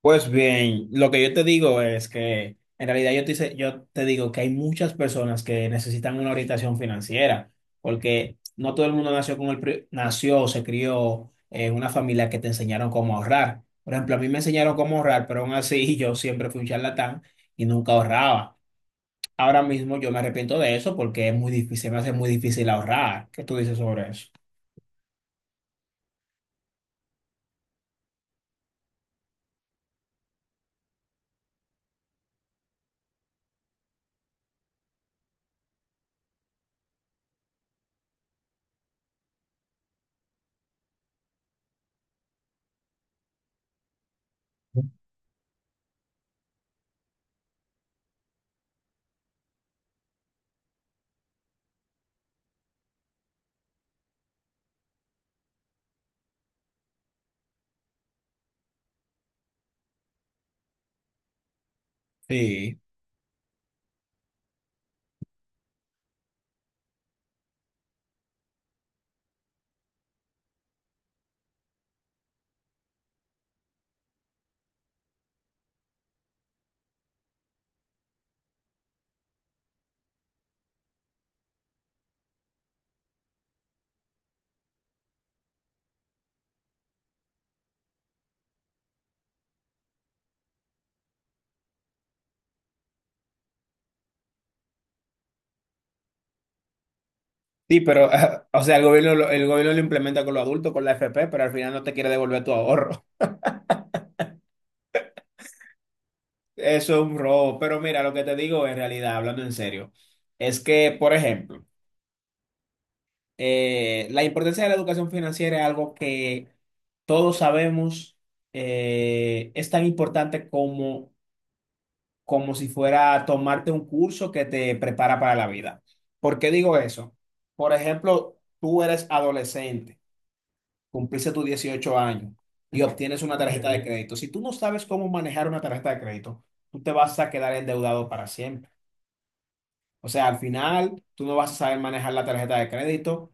Pues bien, lo que yo te digo es que en realidad yo te digo que hay muchas personas que necesitan una orientación financiera, porque no todo el mundo nació con nació o se crió en una familia que te enseñaron cómo ahorrar. Por ejemplo, a mí me enseñaron cómo ahorrar, pero aún así yo siempre fui un charlatán y nunca ahorraba. Ahora mismo yo me arrepiento de eso porque es muy difícil, se me hace muy difícil ahorrar. ¿Qué tú dices sobre eso? Sí. Sí, pero, o sea, el gobierno, el gobierno lo implementa con los adultos, con la FP, pero al final no te quiere devolver tu ahorro. Eso es un robo. Pero mira, lo que te digo en realidad, hablando en serio, es que, por ejemplo, la importancia de la educación financiera es algo que todos sabemos. Es tan importante como, como si fuera tomarte un curso que te prepara para la vida. ¿Por qué digo eso? Por ejemplo, tú eres adolescente, cumpliste tus 18 años y obtienes una tarjeta de crédito. Si tú no sabes cómo manejar una tarjeta de crédito, tú te vas a quedar endeudado para siempre. O sea, al final, tú no vas a saber manejar la tarjeta de crédito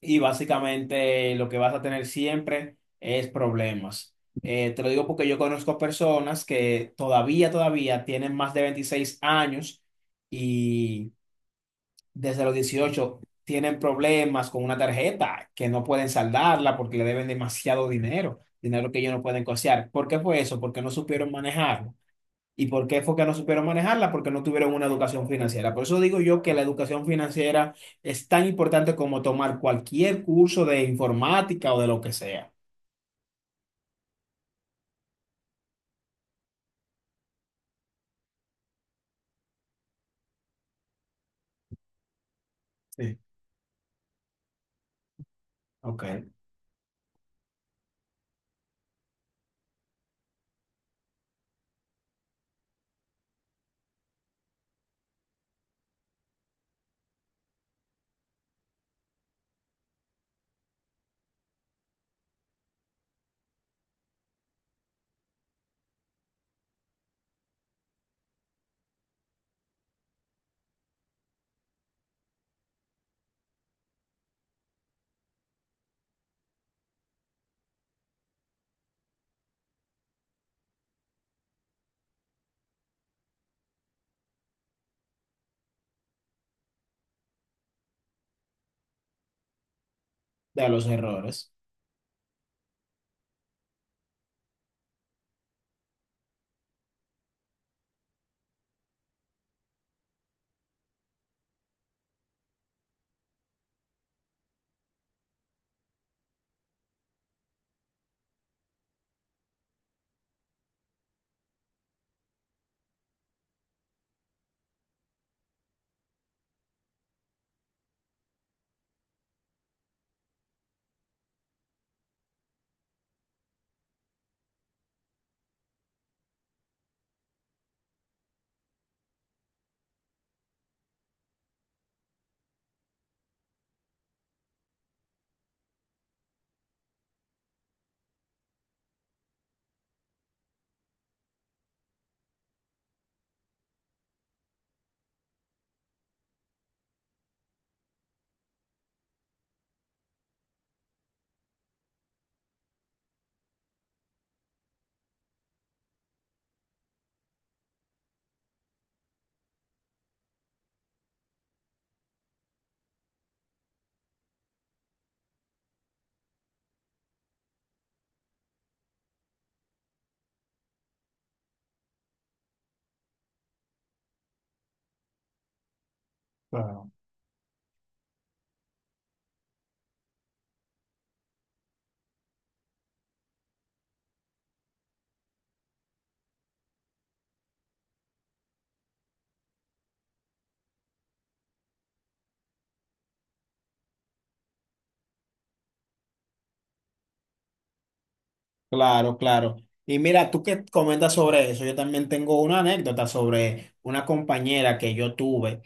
y básicamente lo que vas a tener siempre es problemas. Te lo digo porque yo conozco personas que todavía tienen más de 26 años y desde los 18 tienen problemas con una tarjeta que no pueden saldarla porque le deben demasiado dinero, dinero que ellos no pueden costear. ¿Por qué fue eso? Porque no supieron manejarlo. ¿Y por qué fue que no supieron manejarla? Porque no tuvieron una educación financiera. Por eso digo yo que la educación financiera es tan importante como tomar cualquier curso de informática o de lo que sea. Sí. Ok, de los errores. Claro. Claro, claro. Y mira, tú que comentas sobre eso, yo también tengo una anécdota sobre una compañera que yo tuve,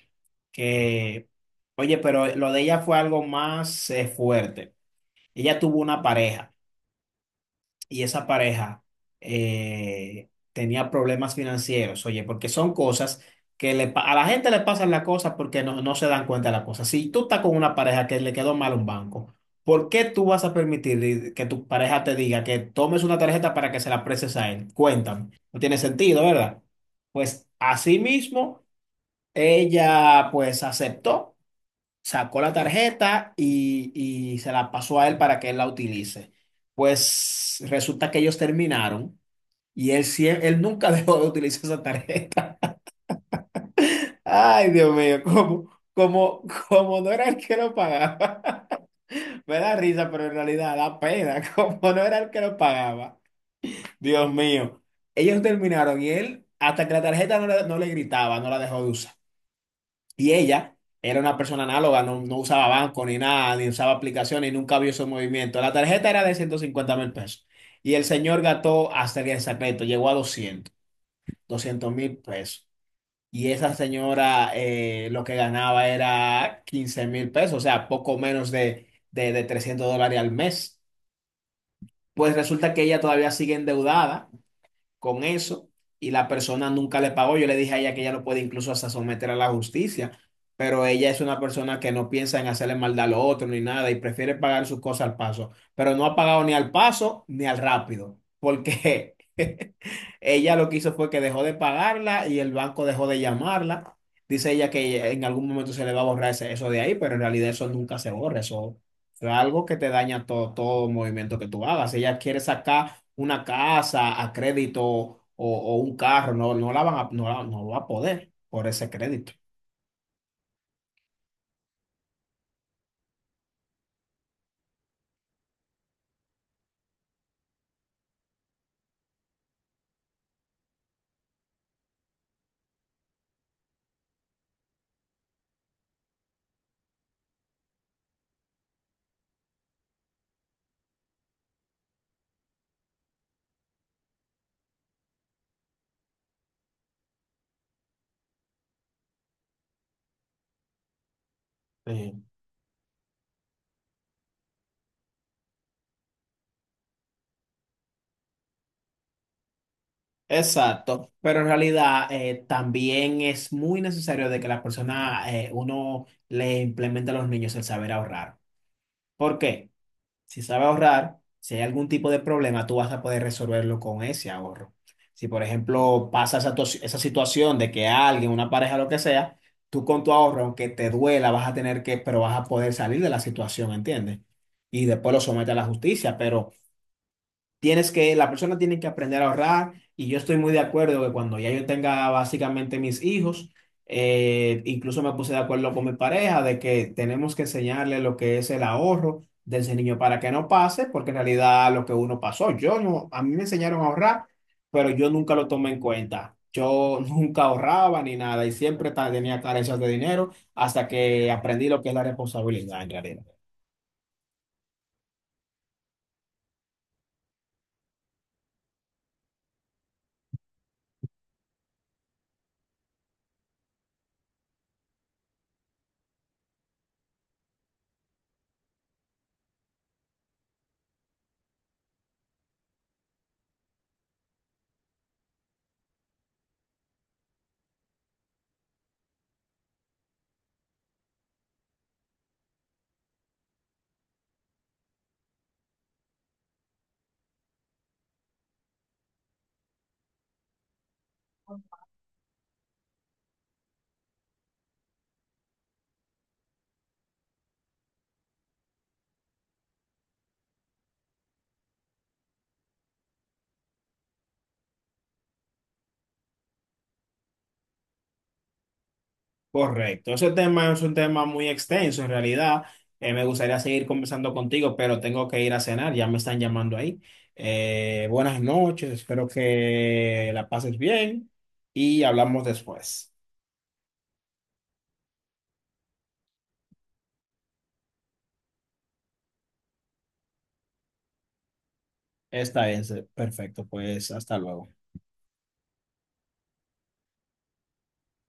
que, oye, pero lo de ella fue algo más fuerte. Ella tuvo una pareja y esa pareja tenía problemas financieros. Oye, porque son cosas que a la gente le pasan las cosas porque no se dan cuenta de las cosas. Si tú estás con una pareja que le quedó mal un banco, ¿por qué tú vas a permitir que tu pareja te diga que tomes una tarjeta para que se la prestes a él? Cuéntame, no tiene sentido, ¿verdad? Pues así mismo, ella pues aceptó, sacó la tarjeta y se la pasó a él para que él la utilice. Pues resulta que ellos terminaron y él nunca dejó de utilizar esa tarjeta. Ay, Dios mío, como no era el que lo pagaba. Me da risa, pero en realidad da pena, como no era el que lo pagaba. Dios mío, ellos terminaron y él, hasta que la tarjeta no le gritaba, no la dejó de usar. Y ella era una persona análoga, no usaba banco ni nada, ni usaba aplicaciones y nunca vio su movimiento. La tarjeta era de 150,000 pesos. Y el señor gastó hasta el día del secreto, llegó a 200,000 pesos. Y esa señora lo que ganaba era 15,000 pesos, o sea, poco menos de $300 al mes. Pues resulta que ella todavía sigue endeudada con eso y la persona nunca le pagó. Yo le dije a ella que ella lo puede incluso hasta someter a la justicia, pero ella es una persona que no piensa en hacerle maldad a lo otro ni nada y prefiere pagar sus cosas al paso, pero no ha pagado ni al paso ni al rápido, porque ella lo que hizo fue que dejó de pagarla y el banco dejó de llamarla. Dice ella que en algún momento se le va a borrar eso de ahí, pero en realidad eso nunca se borra. Eso es algo que te daña todo, todo movimiento que tú hagas. Ella quiere sacar una casa a crédito o un carro. No, no la van a, no, la- No va a poder por ese crédito. Sí. Exacto, pero en realidad también es muy necesario de que la persona, uno le implemente a los niños el saber ahorrar. ¿Por qué? Si sabes ahorrar, si hay algún tipo de problema, tú vas a poder resolverlo con ese ahorro. Si, por ejemplo, pasa esa situación de que alguien, una pareja, lo que sea, tú con tu ahorro, aunque te duela, vas a tener que, pero vas a poder salir de la situación, ¿entiendes? Y después lo sometes a la justicia, pero... Tienes que, la persona tiene que aprender a ahorrar y yo estoy muy de acuerdo que cuando ya yo tenga básicamente mis hijos, incluso me puse de acuerdo con mi pareja de que tenemos que enseñarle lo que es el ahorro de ese niño para que no pase, porque en realidad lo que uno pasó, yo no, a mí me enseñaron a ahorrar, pero yo nunca lo tomé en cuenta. Yo nunca ahorraba ni nada y siempre tenía carencias de dinero hasta que aprendí lo que es la responsabilidad en realidad. Correcto, ese tema es un tema muy extenso en realidad. Me gustaría seguir conversando contigo, pero tengo que ir a cenar, ya me están llamando ahí. Buenas noches, espero que la pases bien y hablamos después. Está es, perfecto, pues hasta luego.